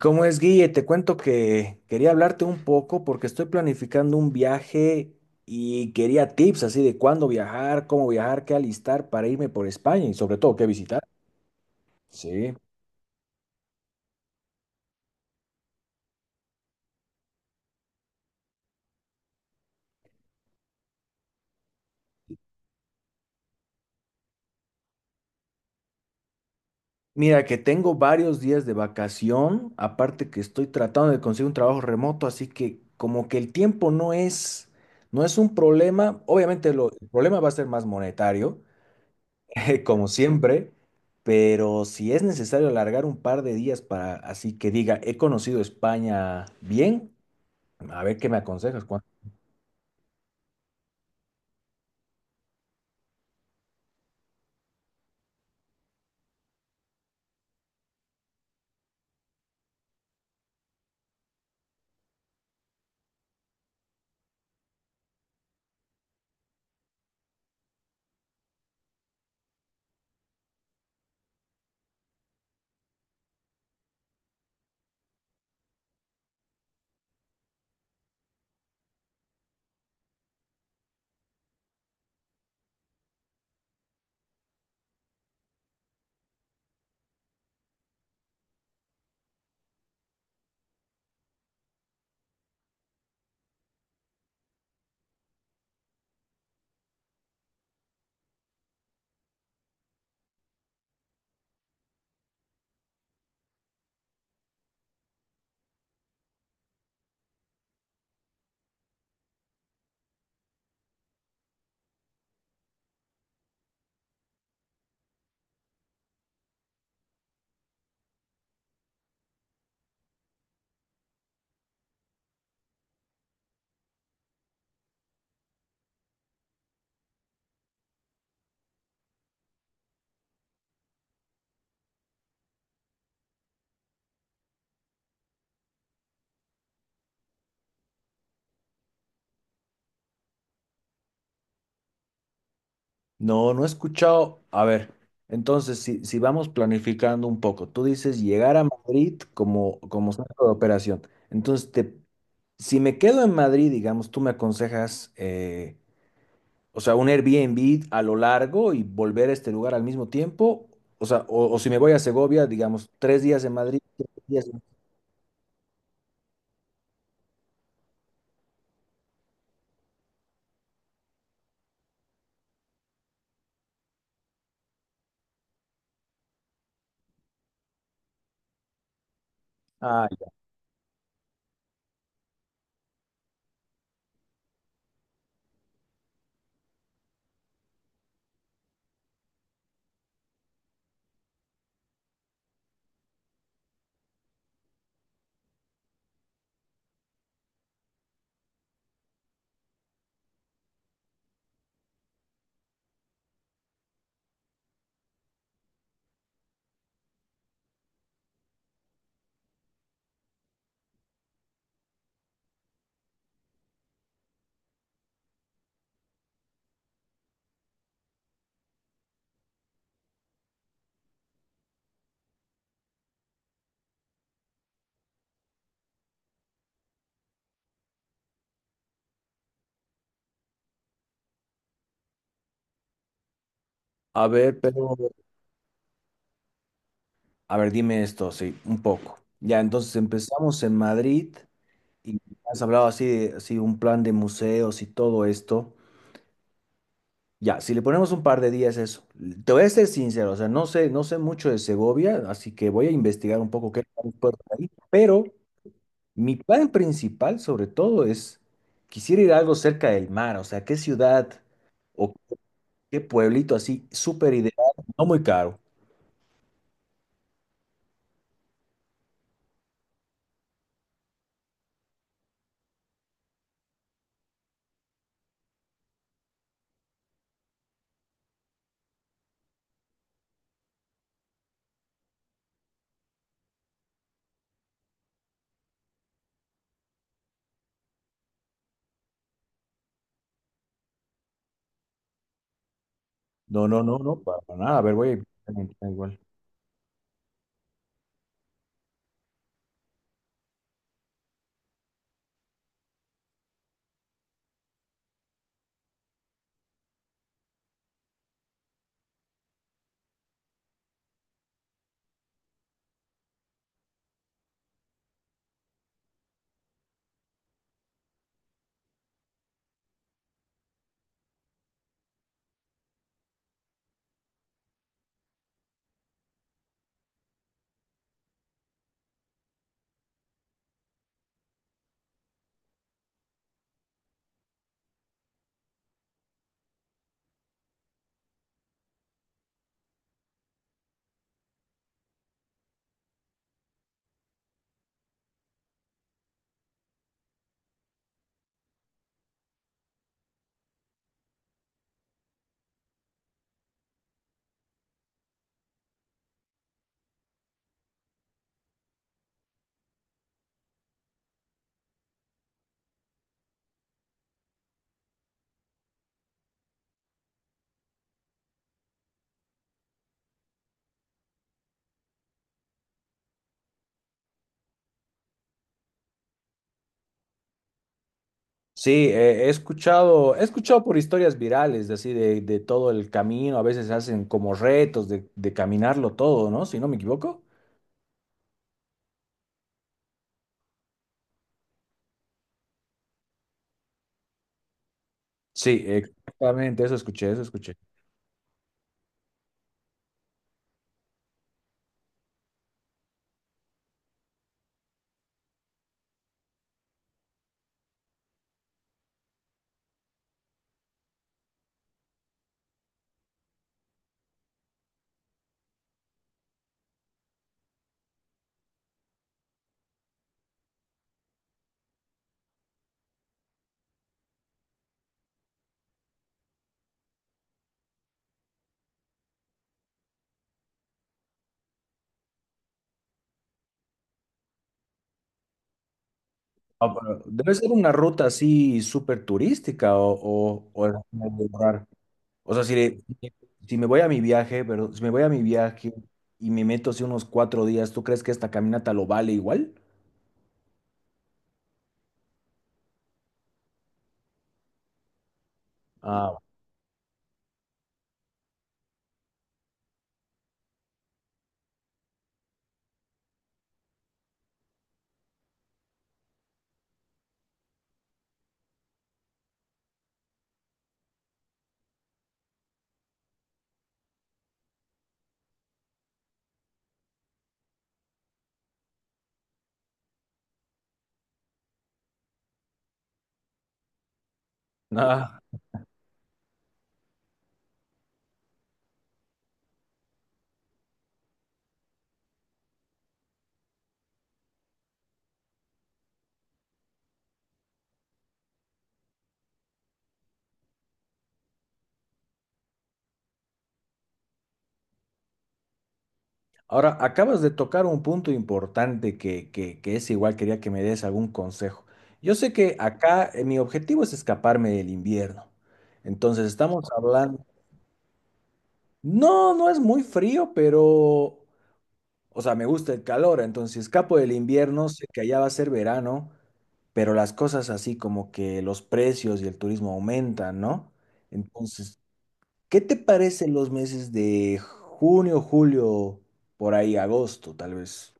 ¿Cómo es, Guille? Te cuento que quería hablarte un poco porque estoy planificando un viaje y quería tips así de cuándo viajar, cómo viajar, qué alistar para irme por España y sobre todo qué visitar. Sí. Mira, que tengo varios días de vacación, aparte que estoy tratando de conseguir un trabajo remoto, así que como que el tiempo no es un problema. Obviamente el problema va a ser más monetario como siempre, pero si es necesario alargar un par de días para así que diga, he conocido España bien, a ver qué me aconsejas, Juan. No, no he escuchado. A ver, entonces, si vamos planificando un poco, tú dices llegar a Madrid como centro de operación. Entonces, te, si me quedo en Madrid, digamos, tú me aconsejas, o sea, un Airbnb a lo largo y volver a este lugar al mismo tiempo. O sea, o si me voy a Segovia, digamos, 3 días en Madrid, 3 días. Ah, ya. A ver, pero, a ver, dime esto, sí, un poco. Ya, entonces empezamos en Madrid y has hablado así de así un plan de museos y todo esto. Ya, si le ponemos un par de días eso. Te voy a ser sincero, o sea, no sé mucho de Segovia, así que voy a investigar un poco qué planes puedo hacer ahí. Pero mi plan principal, sobre todo, es quisiera ir a algo cerca del mar, o sea, qué ciudad o qué pueblito así súper ideal, no muy caro. No, no, no, no, para nada. A ver, voy a intentar igual. Sí, he escuchado por historias virales, de así de todo el camino. A veces hacen como retos de caminarlo todo, ¿no? Si no me equivoco. Sí, exactamente, eso escuché, eso escuché. Ah, pero debe ser una ruta así súper turística o, o es medio raro. O sea, si me voy a mi viaje, pero si me voy a mi viaje y me meto así unos 4 días, ¿tú crees que esta caminata lo vale igual? Ah, no. Ahora, acabas de tocar un punto importante que es igual, quería que me des algún consejo. Yo sé que acá mi objetivo es escaparme del invierno. Entonces estamos hablando, no, no es muy frío, pero, o sea, me gusta el calor. Entonces, si escapo del invierno, sé que allá va a ser verano, pero las cosas así como que los precios y el turismo aumentan, ¿no? Entonces, ¿qué te parecen los meses de junio, julio, por ahí, agosto, tal vez?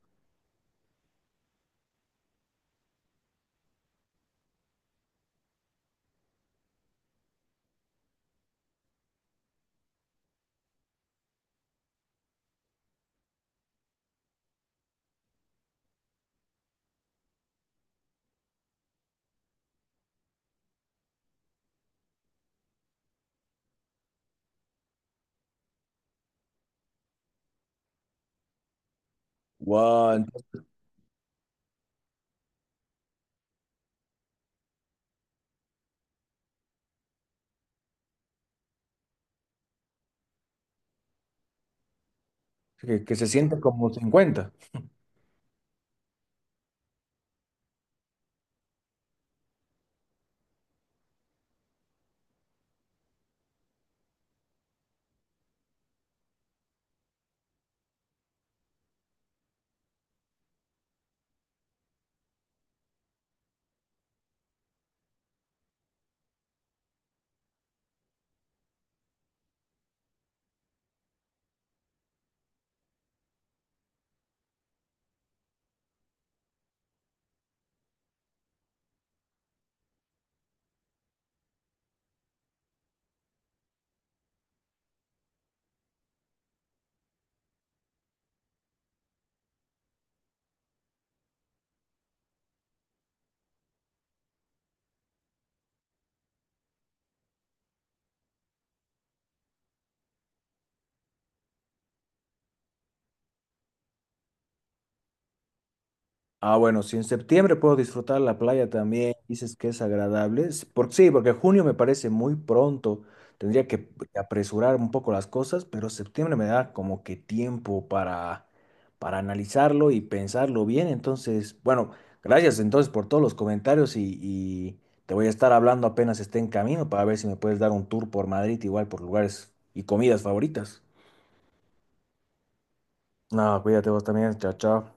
Guau, que se siente como 50. Ah, bueno, si en septiembre puedo disfrutar la playa también, dices que es agradable. Sí, porque junio me parece muy pronto. Tendría que apresurar un poco las cosas, pero septiembre me da como que tiempo para analizarlo y pensarlo bien. Entonces, bueno, gracias entonces por todos los comentarios y te voy a estar hablando apenas esté en camino para ver si me puedes dar un tour por Madrid, igual por lugares y comidas favoritas. Nada, cuídate vos también. Chao, chao.